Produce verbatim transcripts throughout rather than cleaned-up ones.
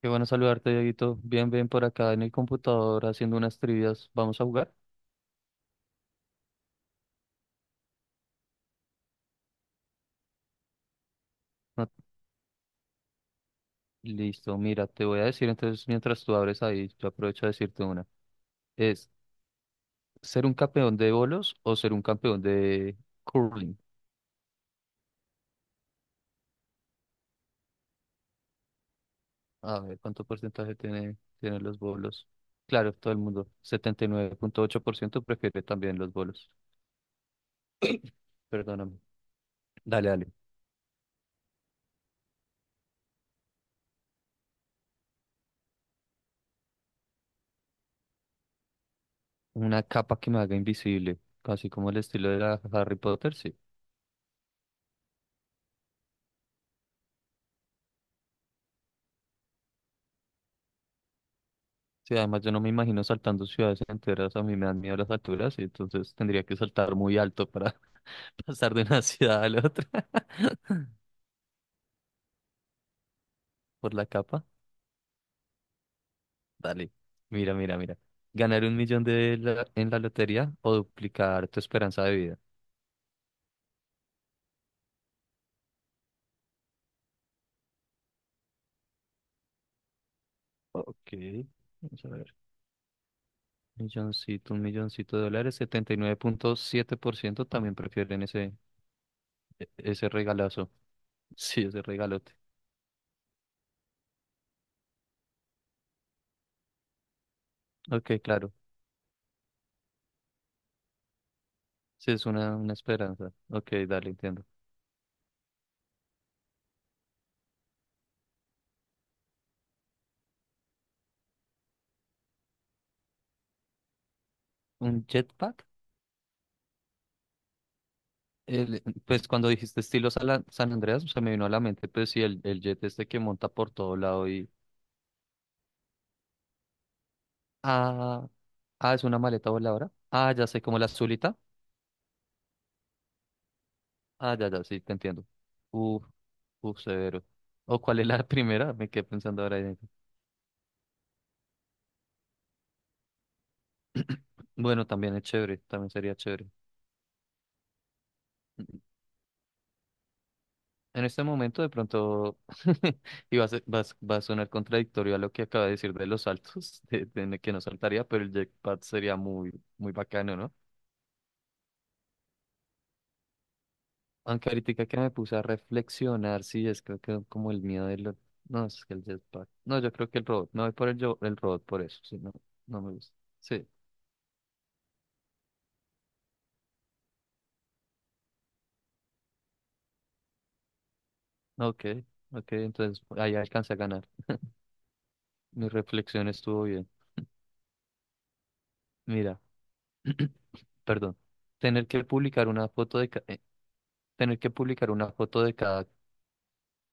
Qué bueno saludarte, Dieguito. Bien, bien por acá en el computador haciendo unas trivias. ¿Vamos a jugar? No, listo, mira, te voy a decir entonces mientras tú abres ahí, yo aprovecho a decirte una. Es ser un campeón de bolos o ser un campeón de curling. A ver, ¿cuánto porcentaje tiene, tienen los bolos? Claro, todo el mundo. setenta y nueve punto ocho por ciento prefiere también los bolos. Perdóname. Dale, dale. Una capa que me haga invisible, casi como el estilo de la Harry Potter, sí. Sí, además yo no me imagino saltando ciudades enteras, a mí me dan miedo las alturas y entonces tendría que saltar muy alto para pasar de una ciudad a la otra por la capa. Dale, mira, mira, mira. ¿Ganar un millón de la- en la lotería o duplicar tu esperanza de vida? Ok, vamos a ver. Milloncito, un milloncito de dólares, setenta y nueve punto siete por ciento también prefieren ese, e- ese regalazo. Sí, ese regalote. Ok, claro. Sí, es una, una esperanza. Ok, dale, entiendo. ¿Un jetpack? El- pues cuando dijiste estilo Sala- San Andreas, se me vino a la mente, pues sí, el, el jet este que monta por todo lado y... Ah, ah, es una maleta voladora. Ah, ya sé, como la azulita. Ah, ya, ya, sí, te entiendo. Uf, uf, severo. ¿O cuál es la primera? Me quedé pensando ahora en eso. Bueno, también es chévere, también sería chévere. En este momento, de pronto, y va a, ser- va a- va a sonar contradictorio a lo que acaba de decir de los saltos, de, de que no saltaría, pero el jetpack sería muy, muy bacano, ¿no? Aunque ahorita que me puse a reflexionar, sí, es creo que como el miedo de lo. No, es que el jetpack. No, yo creo que el robot. No voy por el, yo- el robot por eso. Sí, no, no me gusta. Sí, ok, ok. Entonces ahí alcancé a ganar. Mi reflexión estuvo bien. Mira, perdón. Tener que publicar una foto de ca- eh, tener que publicar una foto de cada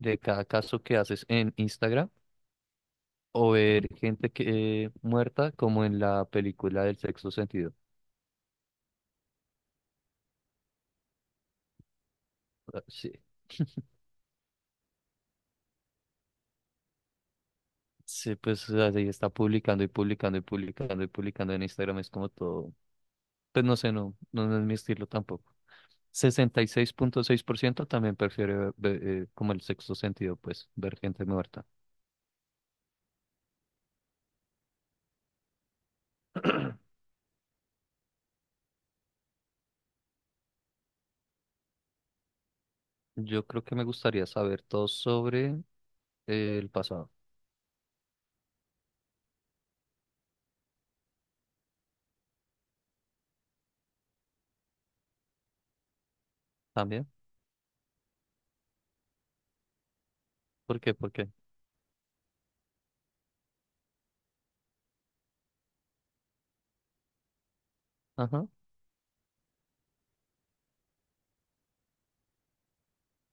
de cada caso que haces en Instagram o ver gente que eh, muerta como en la película del sexto sentido. Ah, sí. Sí, pues así está publicando y publicando y publicando y publicando en Instagram. Es como todo. Pues no sé, no, no, no es mi estilo tampoco. sesenta y seis seis punto seis por ciento también prefiere ver, ve- eh, como el sexto sentido, pues, ver gente muerta. Yo creo que me gustaría saber todo sobre eh, el pasado. ¿También? ¿Por qué? ¿Por qué? Ajá,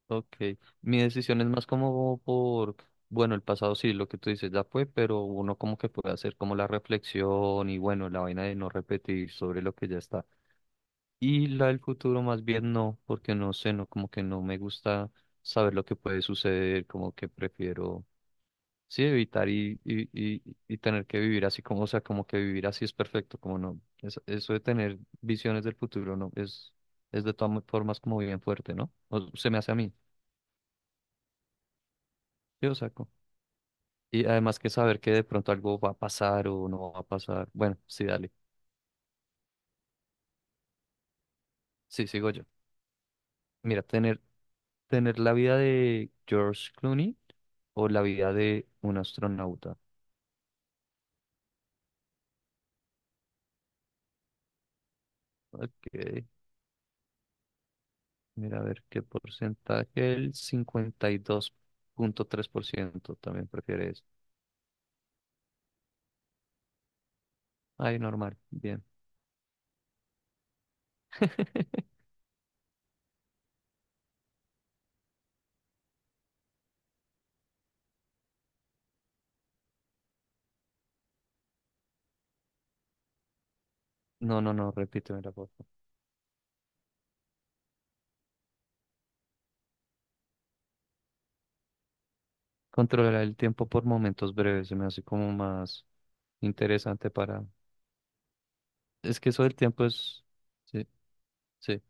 ok. Mi decisión es más como por, bueno, el pasado sí, lo que tú dices ya fue, pero uno como que puede hacer como la reflexión y bueno, la vaina de no repetir sobre lo que ya está. Y la del futuro más bien no, porque no sé, no, como que no me gusta saber lo que puede suceder, como que prefiero, sí, evitar y, y, y, y tener que vivir así como, o sea, como que vivir así es perfecto, como no, es- eso de tener visiones del futuro, no, es, es de todas formas como bien fuerte, ¿no? O se me hace a mí, yo saco. Y además que saber que de pronto algo va a pasar o no va a pasar, bueno, sí, dale, sí, sigo yo. Mira, tener ¿Tener la vida de George Clooney o la vida de un astronauta? Ok, mira, a ver qué porcentaje. El cincuenta y dos punto tres por ciento también prefiere eso. Ay, normal, bien. No, no, no, repíteme la foto. Controlar el tiempo por momentos breves se me hace como más interesante para... Es que eso del tiempo es... Sí, sí.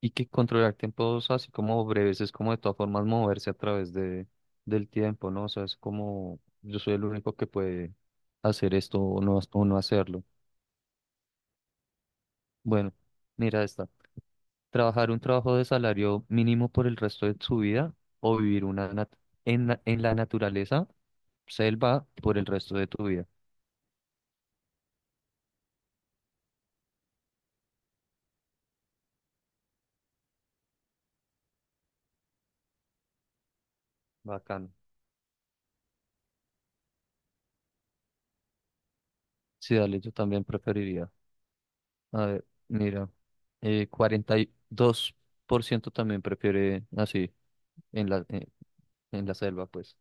Y que controlar tiempos así como breves es como de todas formas moverse a través de, del tiempo, ¿no? O sea, es como yo soy el único que puede hacer esto o no, o no hacerlo. Bueno, mira esta. Trabajar un trabajo de salario mínimo por el resto de su vida o vivir una nat- en, la- en la naturaleza, selva, por el resto de tu vida. Bacano. Sí, dale, yo también preferiría. A ver, mira, eh, cuarenta y dos por ciento también prefiere así en la, eh, en la selva, pues.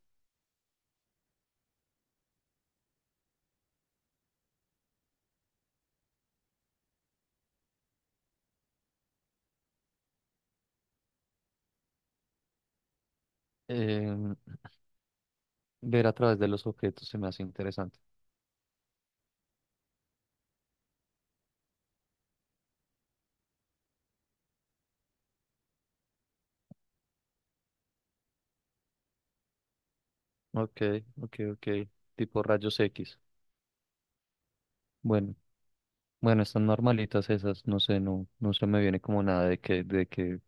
Em, Ver a través de los objetos se me hace interesante. Ok, ok, ok. Tipo rayos X. Bueno, bueno, están normalitas esas, no sé, no, no se me viene como nada de que, de que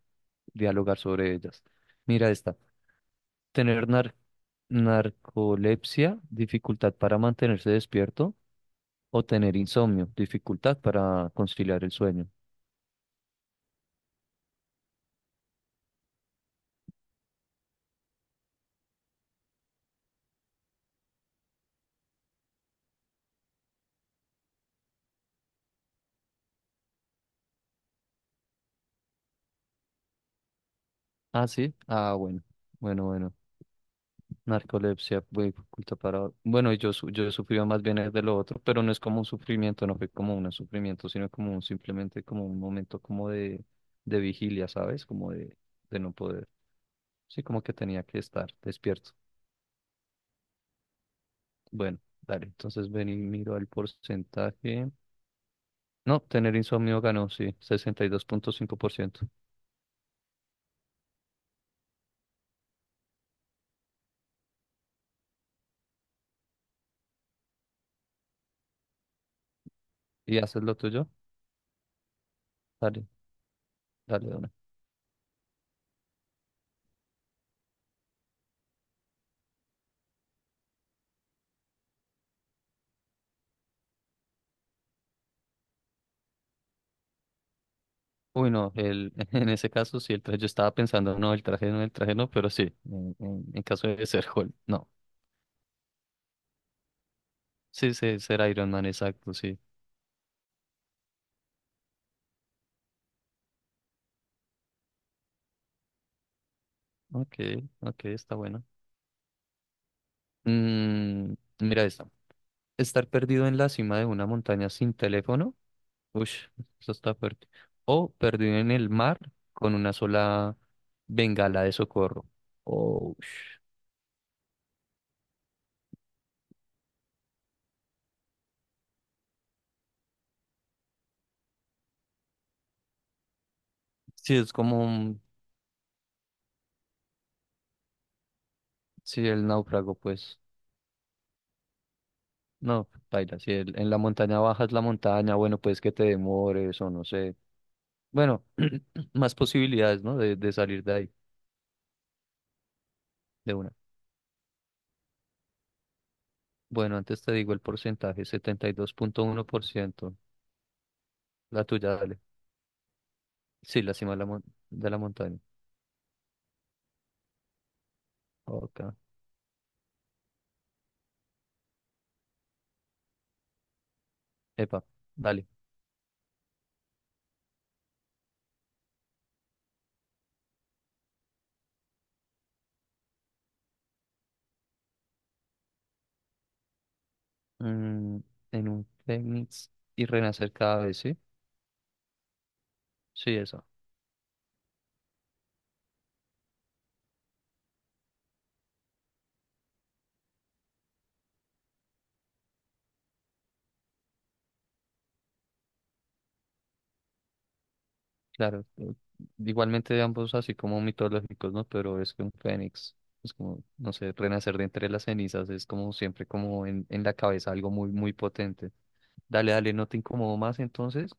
dialogar sobre ellas. Mira esta. Tener nar- narcolepsia, dificultad para mantenerse despierto, o tener insomnio, dificultad para conciliar el sueño. Ah, sí. Ah, bueno. Bueno, bueno. Narcolepsia fue oculta para... Bueno, yo, su- yo sufría más bien es de lo otro, pero no es como un sufrimiento, no fue como un sufrimiento, sino como un, simplemente como un momento como de, de vigilia, ¿sabes? Como de, de no poder. Sí, como que tenía que estar despierto. Bueno, dale, entonces ven y miro el porcentaje. No, tener insomnio ganó, sí, sesenta y dos punto cinco por ciento. ¿Y dos punto cinco por ciento? ¿Y haces lo tuyo? Dale, dale, de una. Uy, no, el, en ese caso sí, el traje, yo estaba pensando, no, el traje no, el traje no, pero sí, en, en- en caso de ser Hulk, no. Sí, sí, ser Iron Man, exacto, sí. Ok, ok, está bueno. Mm, mira esta. Estar perdido en la cima de una montaña sin teléfono. Ush, eso está fuerte. O perdido en el mar con una sola bengala de socorro. Oh, ush. Sí, es como un- sí, el náufrago, pues. No, baila, si el- en la montaña bajas la montaña, bueno, pues que te demores o no sé. Bueno, más posibilidades, ¿no? De, de salir de ahí, de una. Bueno, antes te digo el porcentaje, setenta y dos punto uno por ciento. La tuya, dale. Sí, la cima de la, mon- de la montaña. Ok. Epa, dale. Mm, en un fénix y renacer cada vez, ¿sí? Sí, eso. Claro, eh, igualmente ambos así como mitológicos, ¿no? Pero es que un fénix, es como, no sé, renacer de entre las cenizas, es como siempre como en, en la cabeza algo muy, muy potente. Dale, dale, no te incomodo más entonces.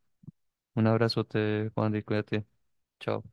Un abrazote, Juan, y cuídate. Chao.